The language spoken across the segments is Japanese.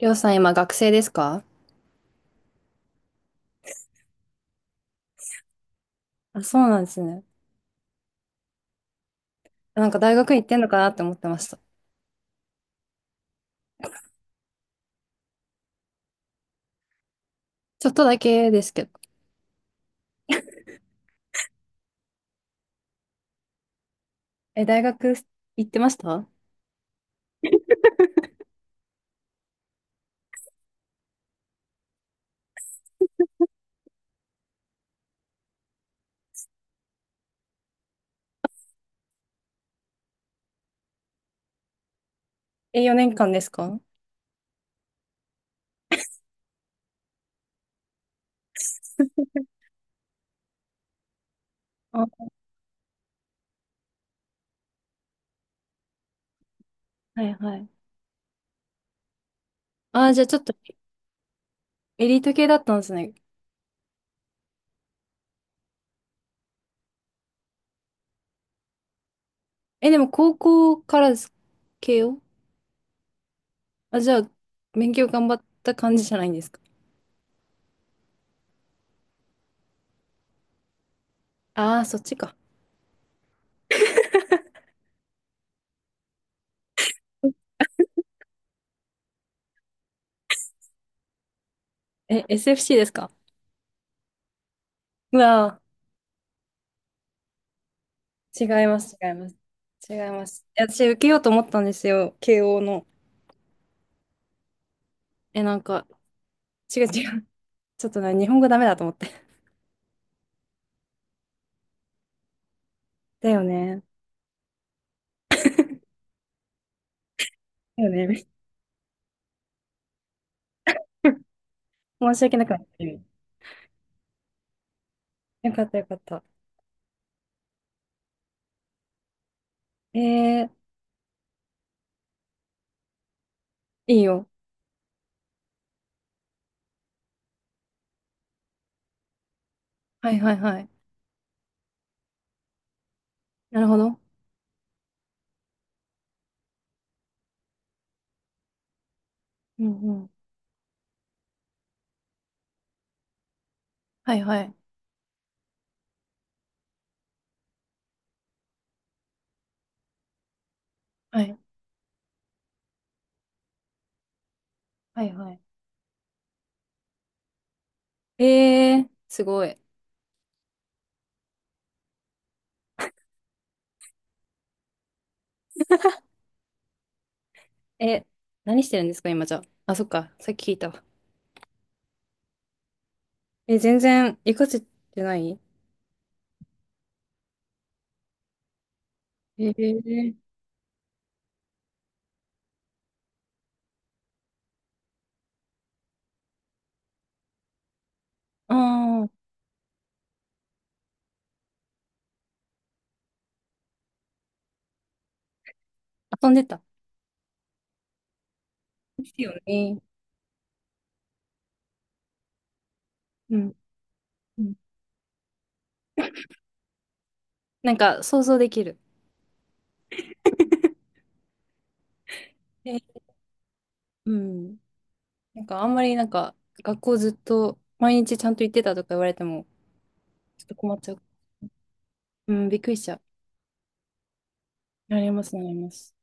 りょうさん今学生ですか？あ、そうなんですね。なんか大学行ってんのかなって思ってました。ちょっとだけですけど。え、大学行ってましたえ、4年間ですか？あ、はいはい。あ、じゃあちょっとエリート系だったんですね。え、でも高校からです系をあ、じゃあ勉強頑張った感じじゃないんですか？ああー、そっちか。え、SFC ですか？うわー、違います、違います。違います。いや私受けようと思ったんですよ、慶応の。え、なんか、違う違う。ちょっとね日本語ダメだと思って。だよね。だよね。申し訳なくなってる。よかったよかった。えー、いいよ。はいはいはい。なるほど。うんうん。はいはい。はい。はいはい。えー、すごい。え、何してるんですか、今じゃあ。あ、そっか。さっき聞いたわ。え、全然、活かせてないえー、ああ、遊んでた。ですよね。うん。うんなんか、想像できる。え、うん。なんか、あんまりなんか、学校ずっと、毎日ちゃんと行ってたとか言われても、ちょっと困っちゃう。うん、びっくりしちゃう。なります、なります。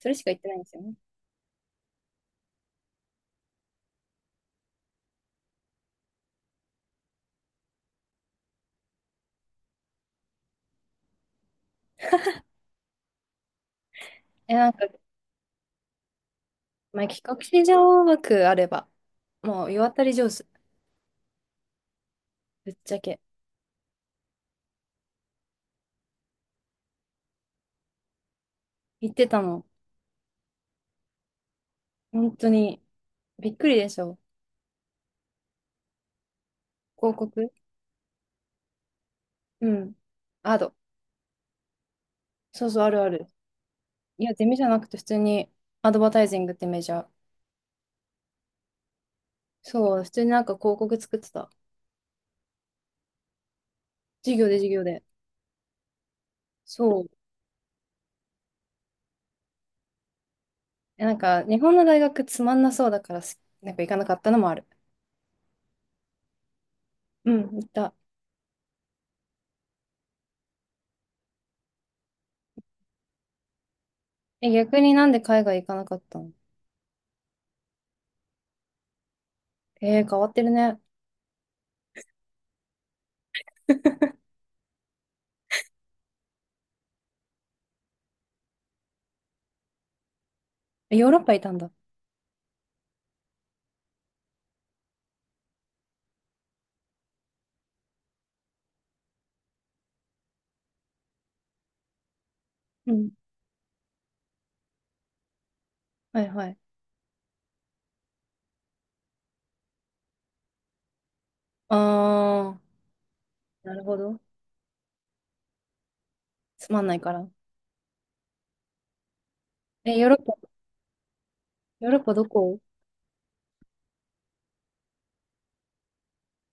それしか言ってないんですよね。え、なんか、まあ、企画書上枠あれば、もう、世渡り上手。ぶっちゃけ。言ってたの。本当に、びっくりでしょ。広告うん。アド。そうそう、あるある。いや、ゼミじゃなくて、普通に、アドバタイジングってメジャー。そう、普通になんか広告作ってた。授業で授業で。そう。え、なんか、日本の大学つまんなそうだからなんか行かなかったのもある。うん、行った。え、逆になんで海外行かなかったの？えー、変わってるね。ヨーロッパいたんだ。うん。はいはい。あー、なるほど。つまんないから。え、ヨーロッパ、ヨーロッパどこ？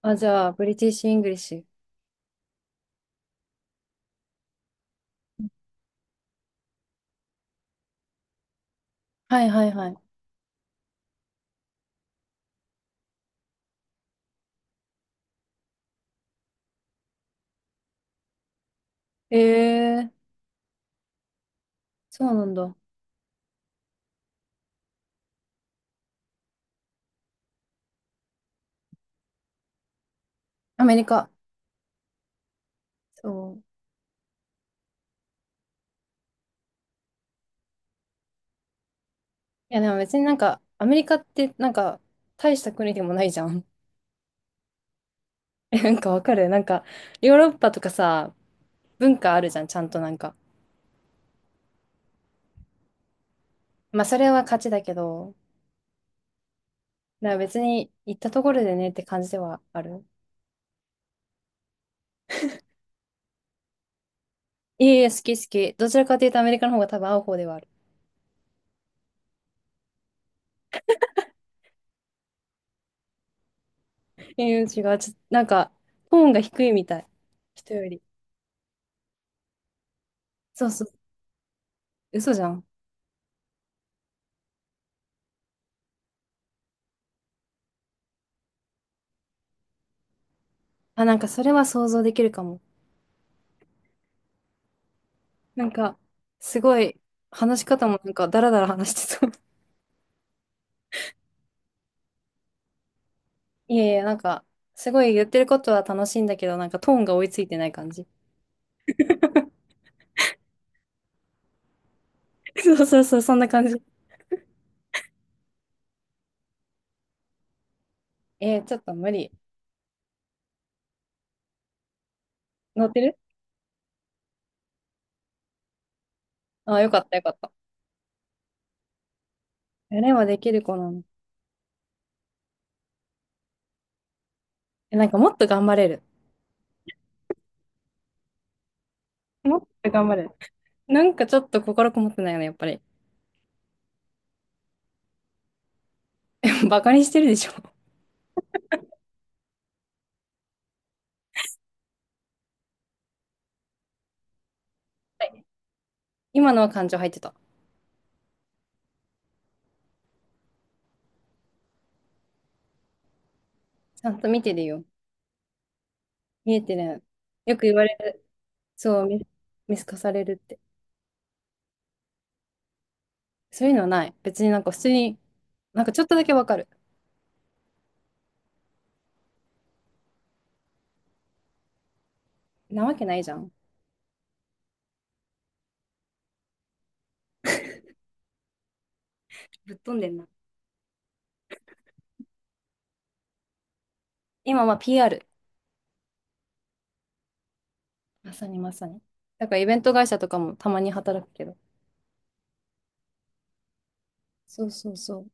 あ、じゃあ、ブリティッシュ・イングリッシュ。はいはいはい。えー、そうなんだ。アメリカ。そう。いや、でも別になんか、アメリカって、なんか、大した国でもないじゃん。え、なんかわかるなんか、ヨーロッパとかさ、文化あるじゃん、ちゃんとなんか。まあ、それは勝ちだけど、だから別に行ったところでねって感じではある。いえいえ、好き好き。どちらかというとアメリカの方が多分合う方ではある。ええ違う。なんか、トーンが低いみたい。人より。そうそう。嘘じゃん。あ、なんかそれは想像できるかも。なんか、すごい、話し方もなんかダラダラ話してそう。いえいえ、なんか、すごい言ってることは楽しいんだけど、なんかトーンが追いついてない感じ。そうそうそう、そんな感じ。えー、ちょっと無理。乗ってるあ、よかったよかった。やればできる子なの。え、なんかもっと頑張れる。もっと頑張れる。なんかちょっと心こもってないよね、やっぱり。バカにしてるでしょ。はい今のは感情入ってた。ちゃんと見てるよ。見えてる。よく言われる。そう、見透かされるって。そういうのはない。別になんか普通に、なんかちょっとだけわかる。なわけないじゃん。ぶっ飛んでんな。今は PRまさにまさに。だからイベント会社とかもたまに働くけど。そうそうそう。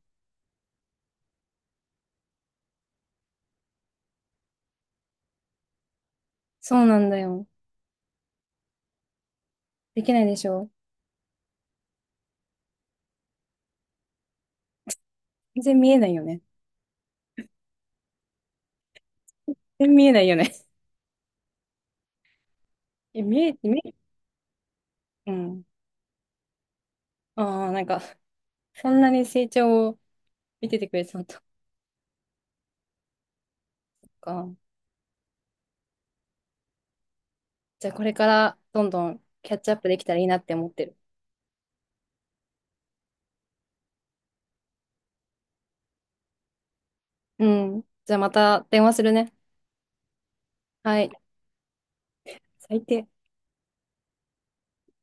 そうなんだよ。できないでしょ。全然見えないよね。全然見えないよね。え、見え、見え、うん。ああ、なんか、そんなに成長を見ててくれてたのとか。じゃあこれからどんどんキャッチアップできたらいいなって思ってる。うん。じゃあまた電話するね。はい。最低。